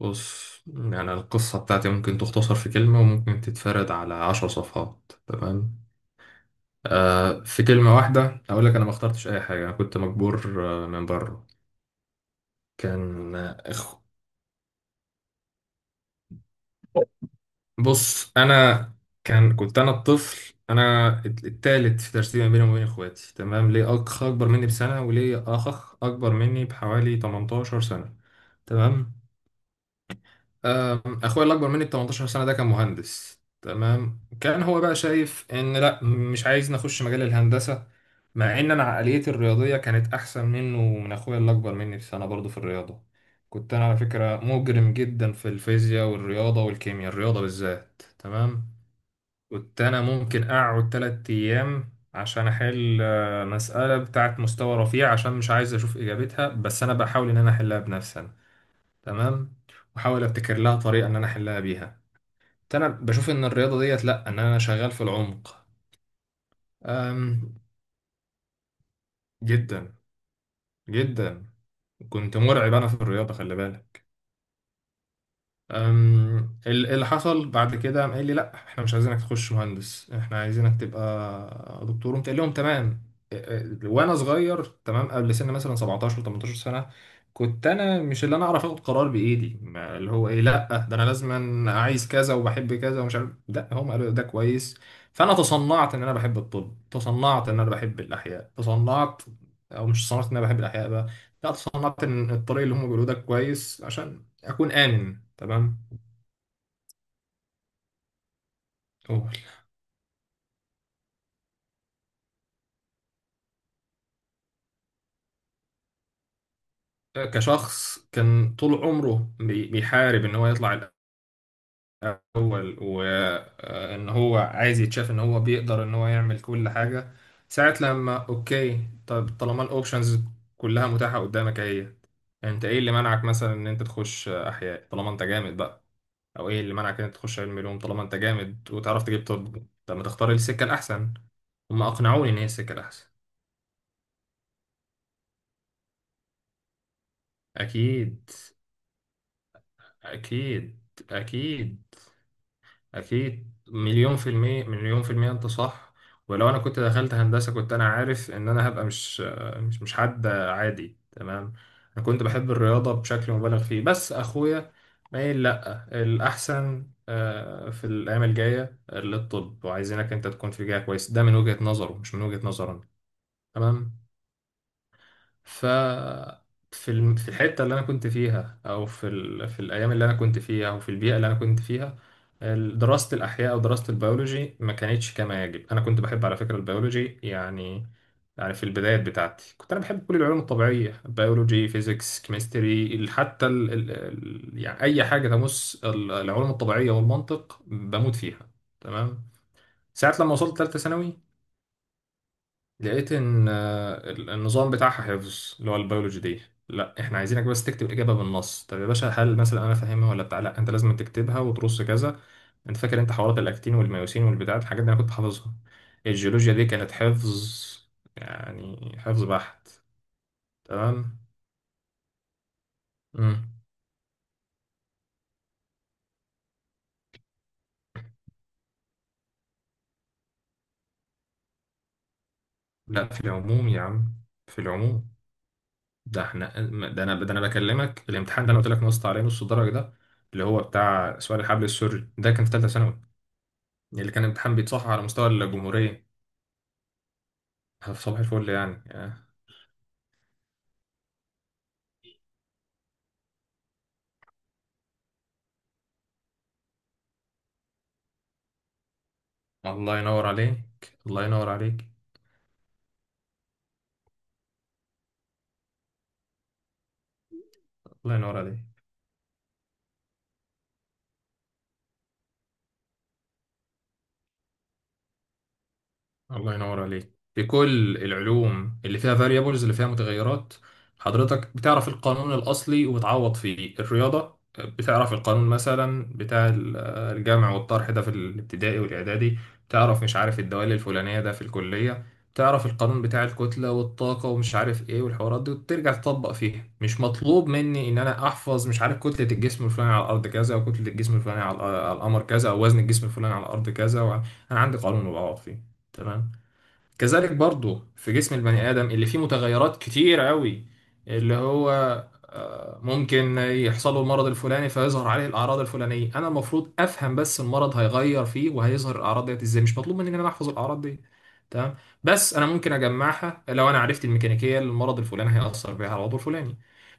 بص، يعني القصة بتاعتي ممكن تختصر في كلمة وممكن تتفرد على عشر صفحات. تمام. في كلمة واحدة أقول لك، أنا ما اخترتش أي حاجة، أنا كنت مجبور من بره. كان آه، إخ- بص أنا. كنت أنا الطفل، أنا التالت في ترتيب ما بيني وما بين إخواتي، تمام. ليه أخ أكبر مني بسنة، وليه أخ أكبر مني بحوالي 18 سنة. تمام. اخويا الاكبر مني ب 18 سنه ده كان مهندس، تمام. كان هو بقى شايف ان لا، مش عايز نخش مجال الهندسه، مع ان انا عقليتي الرياضيه كانت احسن منه ومن اخويا الاكبر مني بسنه برضه في الرياضه. كنت انا على فكره مجرم جدا في الفيزياء والرياضه والكيمياء، الرياضه بالذات، تمام. كنت انا ممكن اقعد 3 ايام عشان احل مساله بتاعت مستوى رفيع، عشان مش عايز اشوف اجابتها، بس انا بحاول ان انا احلها بنفسي. تمام. واحاول ابتكر لها طريقه ان انا احلها بيها. انا بشوف ان الرياضه ديت، لا، ان انا شغال في العمق. أم جدا جدا. كنت مرعب انا في الرياضه، خلي بالك. أم، اللي حصل بعد كده قام قال لي لا، احنا مش عايزينك تخش مهندس، احنا عايزينك تبقى دكتور. قمت قايل لهم تمام. أه، أه، وانا صغير، تمام، قبل سن مثلا 17 18 سنه. كنت انا مش اللي انا اعرف اخد قرار بايدي، اللي هو ايه، لا ده انا لازم عايز كذا وبحب كذا ومش عارف، لا هم قالوا ده كويس. فانا تصنعت ان انا بحب الطب، تصنعت ان انا بحب الاحياء، تصنعت. او مش تصنعت ان انا بحب الاحياء بقى، لا تصنعت ان الطريق اللي هم بيقولوه ده كويس، عشان أكون آمن. تمام. أول. كشخص كان طول عمره بيحارب إن هو يطلع الأول، وإن هو عايز يتشاف إن هو بيقدر إن هو يعمل كل حاجة. ساعة لما أوكي، طب طالما الأوبشنز كلها متاحة قدامك أهي، أنت إيه اللي منعك مثلا إن أنت تخش أحياء طالما أنت جامد بقى؟ أو إيه اللي منعك إن أنت تخش علم علوم طالما أنت جامد وتعرف تجيب؟ طب، طب ما تختار السكة الأحسن. هم أقنعوني إن هي السكة الأحسن. أكيد، أكيد، أكيد، أكيد، مليون في المية، مليون في المية، أنت صح. ولو أنا كنت دخلت هندسة، كنت أنا عارف إن أنا هبقى مش مش حد عادي. تمام. أنا كنت بحب الرياضة بشكل مبالغ فيه، بس أخويا مايل لأ، الأحسن في الأيام الجاية للطب، وعايزينك أنت تكون في جهة كويس. ده من وجهة نظره، مش من وجهة نظرنا. تمام. ف في الحته اللي انا كنت فيها، او في ال... في الايام اللي انا كنت فيها، او في البيئه اللي انا كنت فيها، دراسه الاحياء او دراسه البيولوجي ما كانتش كما يجب. انا كنت بحب على فكره البيولوجي، يعني. يعني في البدايات بتاعتي كنت انا بحب كل العلوم الطبيعيه، بيولوجي، فيزيكس، كيمستري، حتى يعني اي حاجه تمس العلوم الطبيعيه والمنطق، بموت فيها. تمام. ساعه لما وصلت ثالثه ثانوي، لقيت ان النظام بتاعها حفظ. اللي هو البيولوجي دي، لا احنا عايزينك بس تكتب اجابه بالنص. طب يا باشا، هل مثلا انا فاهمها ولا بتاع؟ لا، انت لازم تكتبها وترص كذا. انت فاكر انت حوارات الاكتين والميوسين والبتاع، الحاجات دي انا كنت حافظها. الجيولوجيا دي كانت حفظ، يعني حفظ بحت. تمام. امم لا، في العموم يا عم، في العموم. ده احنا، ده انا بكلمك، الامتحان ده انا قلت لك نصت عليه نص درجه ده، اللي هو بتاع سؤال الحبل السري، ده كان في ثالثه ثانوي، اللي كان امتحان بيتصحح على مستوى الجمهورية. صباح الفل يعني الله ينور عليك. الله ينور عليك. الله ينور عليك. الله ينور عليك. في كل العلوم اللي فيها variables، اللي فيها متغيرات، حضرتك بتعرف القانون الأصلي وبتعوض فيه. الرياضة بتعرف القانون مثلا بتاع الجمع والطرح ده في الابتدائي والإعدادي. بتعرف مش عارف الدوال الفلانية ده في الكلية. بتعرف القانون بتاع الكتلة والطاقة ومش عارف ايه والحوارات دي، وترجع تطبق فيها. مش مطلوب مني ان انا احفظ مش عارف كتلة الجسم الفلاني على الارض كذا، وكتلة الجسم الفلاني على القمر كذا، او وزن الجسم الفلاني على الارض كذا، انا عندي قانون وبعوض فيه. تمام. كذلك برضو في جسم البني آدم اللي فيه متغيرات كتير قوي، اللي هو ممكن يحصل له المرض الفلاني فيظهر عليه الأعراض الفلانية. أنا المفروض أفهم بس المرض هيغير فيه وهيظهر الأعراض ديت إزاي، مش مطلوب مني إن أنا أحفظ الأعراض دي. تمام. بس أنا ممكن أجمعها لو أنا عرفت الميكانيكية اللي المرض الفلاني هيأثر بيها على العضو الفلاني.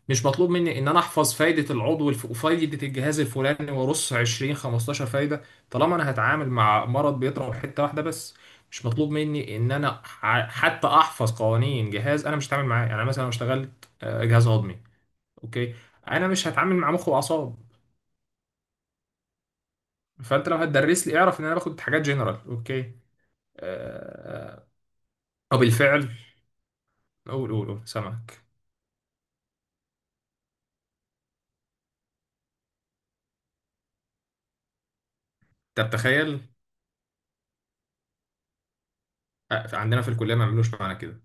مش مطلوب مني ان انا احفظ فايده وفايده الجهاز الفلاني وارص 20 15 فايده، طالما انا هتعامل مع مرض بيضرب حته واحده بس. مش مطلوب مني ان انا حتى احفظ قوانين جهاز انا مش هتعامل معاه. يعني أنا مثلا لو اشتغلت جهاز هضمي، اوكي، انا مش هتعامل مع مخ واعصاب. فانت لو هتدرس لي، اعرف ان انا باخد حاجات جنرال، اوكي. آه، آه، او بالفعل. قول، قول، قول، سمعك. طب تخيل، عندنا في الكليه ما عملوش معانا كده.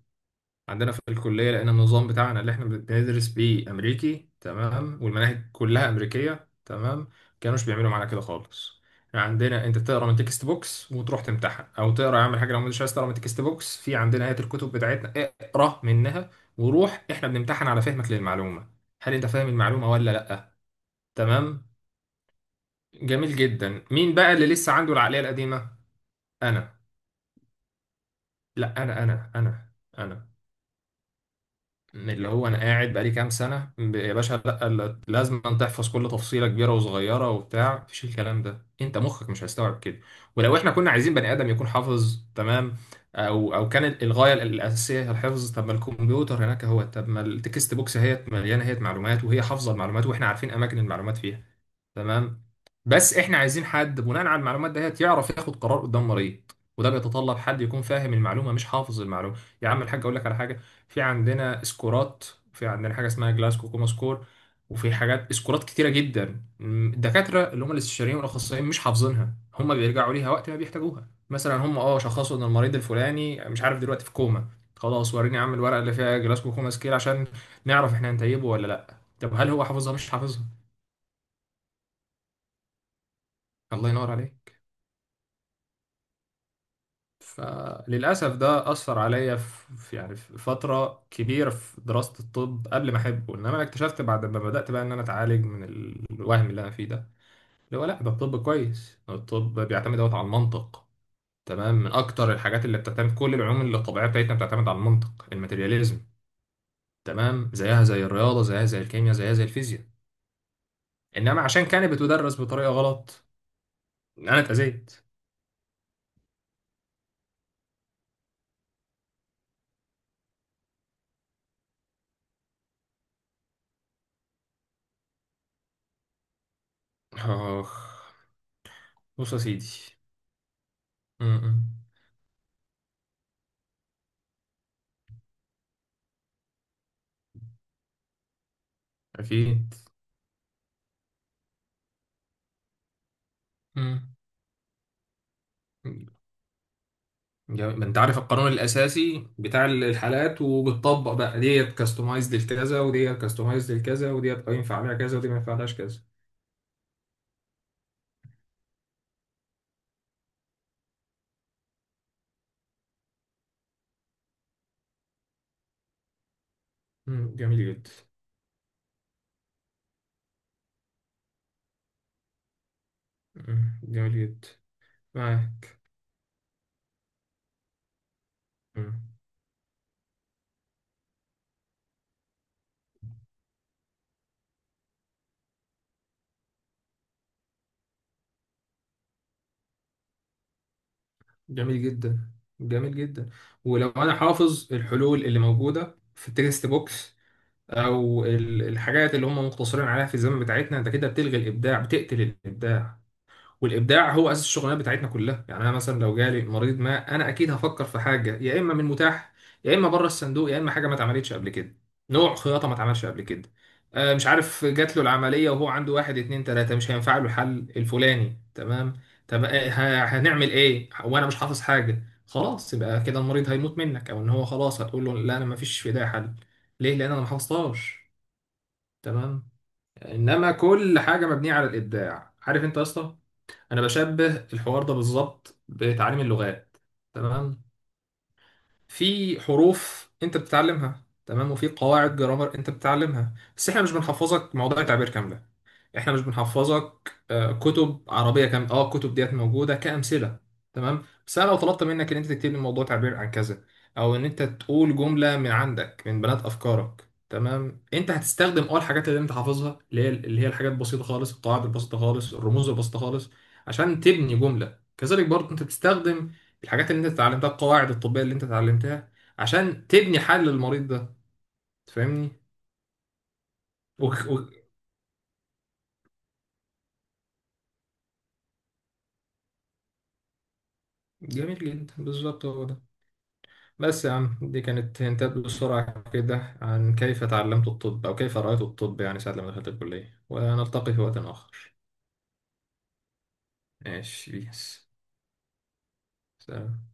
عندنا في الكلية، لأن النظام بتاعنا اللي احنا بندرس بيه أمريكي، تمام، والمناهج كلها أمريكية، تمام، كانوش بيعملوا معانا كده خالص. يعني عندنا أنت تقرا من تكست بوكس وتروح تمتحن، أو تقرا يا عم حاجة، لو مش عايز تقرا من تكست بوكس في عندنا هيئة الكتب بتاعتنا، اقرا منها. وروح، احنا بنمتحن على فهمك للمعلومة، هل أنت فاهم المعلومة ولا لأ. تمام. جميل جدا. مين بقى اللي لسه عنده العقلية القديمة؟ أنا. لا، أنا. أنا من اللي هو انا قاعد بقالي كام سنه يا باشا لا، لازم أن تحفظ كل تفصيله كبيره وصغيره وبتاع، مفيش الكلام ده، انت مخك مش هيستوعب كده. ولو احنا كنا عايزين بني ادم يكون حافظ تمام، او كان الغايه الاساسيه هي الحفظ، طب ما الكمبيوتر هناك هو، طب ما التكست بوكس هي مليانه، هي معلومات وهي حافظه المعلومات، واحنا عارفين اماكن المعلومات فيها. تمام. بس احنا عايزين حد بناء على المعلومات ديت يعرف ياخد قرار قدام مريض، وده بيتطلب حد يكون فاهم المعلومه مش حافظ المعلومه. يا عم الحاج، اقول لك على حاجه. في عندنا سكورات، في عندنا حاجه اسمها جلاسكو كوما سكور، وفي حاجات سكورات كتيره جدا. الدكاتره اللي هم الاستشاريين والاخصائيين مش حافظينها، هم بيرجعوا ليها وقت ما بيحتاجوها. مثلا هم شخصوا ان المريض الفلاني، مش عارف، دلوقتي في كوما. خلاص، وريني يا عم الورقه اللي فيها جلاسكو كوما سكيل، عشان نعرف احنا هنتيبه ولا لا. طب هل هو حافظها؟ مش حافظها. الله ينور عليك. فللأسف ده أثر عليا يعني في فترة كبيرة في دراسة الطب قبل ما أحبه. إنما أنا اكتشفت بعد ما بدأت بقى إن أنا أتعالج من الوهم اللي أنا فيه ده، اللي هو لأ، ده الطب كويس، الطب بيعتمد دوت على المنطق. تمام. من أكتر الحاجات اللي بتعتمد، كل العلوم اللي الطبيعية بتاعتنا بتعتمد على المنطق، الماتيرياليزم. تمام. زيها زي الرياضة، زيها زي الكيمياء، زيها زي الفيزياء. إنما عشان كانت بتدرس بطريقة غلط، أنا اتأذيت. آخ. بص يا سيدي. م- م. أكيد. م. جميل. ما انت عارف القانون الاساسي بتاع الحالات وبتطبق بقى، ديت كاستمايزد لكذا، وديت كاستمايزد لكذا، وديت ينفع عليها كذا، ودي ما ينفعلهاش كذا. جميل جدا. جميل جدا، معاك. مم، جميل جدا. جميل جدا. ولو انا حافظ الحلول اللي موجوده في التكست بوكس، او الحاجات اللي هم مقتصرين عليها في الزمن بتاعتنا، انت كده بتلغي الابداع، بتقتل الابداع. والابداع هو اساس الشغلانه بتاعتنا كلها. يعني انا مثلا لو جالي مريض، ما انا اكيد هفكر في حاجه يا اما من متاح، يا اما بره الصندوق، يا اما حاجه ما اتعملتش قبل كده، نوع خياطه ما اتعملش قبل كده. مش عارف، جات له العمليه وهو عنده واحد اتنين تلاته، مش هينفع له الحل الفلاني، تمام. طب هنعمل ايه وانا مش حافظ حاجه خلاص؟ يبقى كده المريض هيموت منك، او ان هو خلاص هتقول له لا انا ما فيش في ده حل، ليه؟ لان انا ما حفظتهاش. تمام. انما كل حاجه مبنيه على الابداع، عارف انت يا اسطى؟ انا بشبه الحوار ده بالظبط بتعليم اللغات. تمام. في حروف انت بتتعلمها، تمام، وفي قواعد جرامر انت بتتعلمها، بس احنا مش بنحفظك موضوع تعبير كامله. احنا مش بنحفظك كتب عربيه كامله. اه الكتب ديت موجوده كامثله. تمام. بس انا لو طلبت منك ان انت تكتب لي موضوع تعبير عن كذا، او ان انت تقول جمله من عندك من بنات افكارك، تمام، انت هتستخدم الحاجات اللي انت حافظها، اللي هي الحاجات البسيطه خالص، القواعد البسيطه خالص، الرموز البسيطه خالص، عشان تبني جمله. كذلك برضه انت بتستخدم الحاجات اللي انت اتعلمتها، القواعد الطبية اللي انت اتعلمتها، عشان تبني حل للمريض ده. تفهمني؟ و... و... جميل جدا، بالظبط هو ده. بس يا عم، دي كانت هنتات بسرعة كده عن كيف تعلمت الطب أو كيف رأيت الطب، يعني ساعة لما دخلت الكلية، ونلتقي في وقت آخر. ماشي بيس. سلام.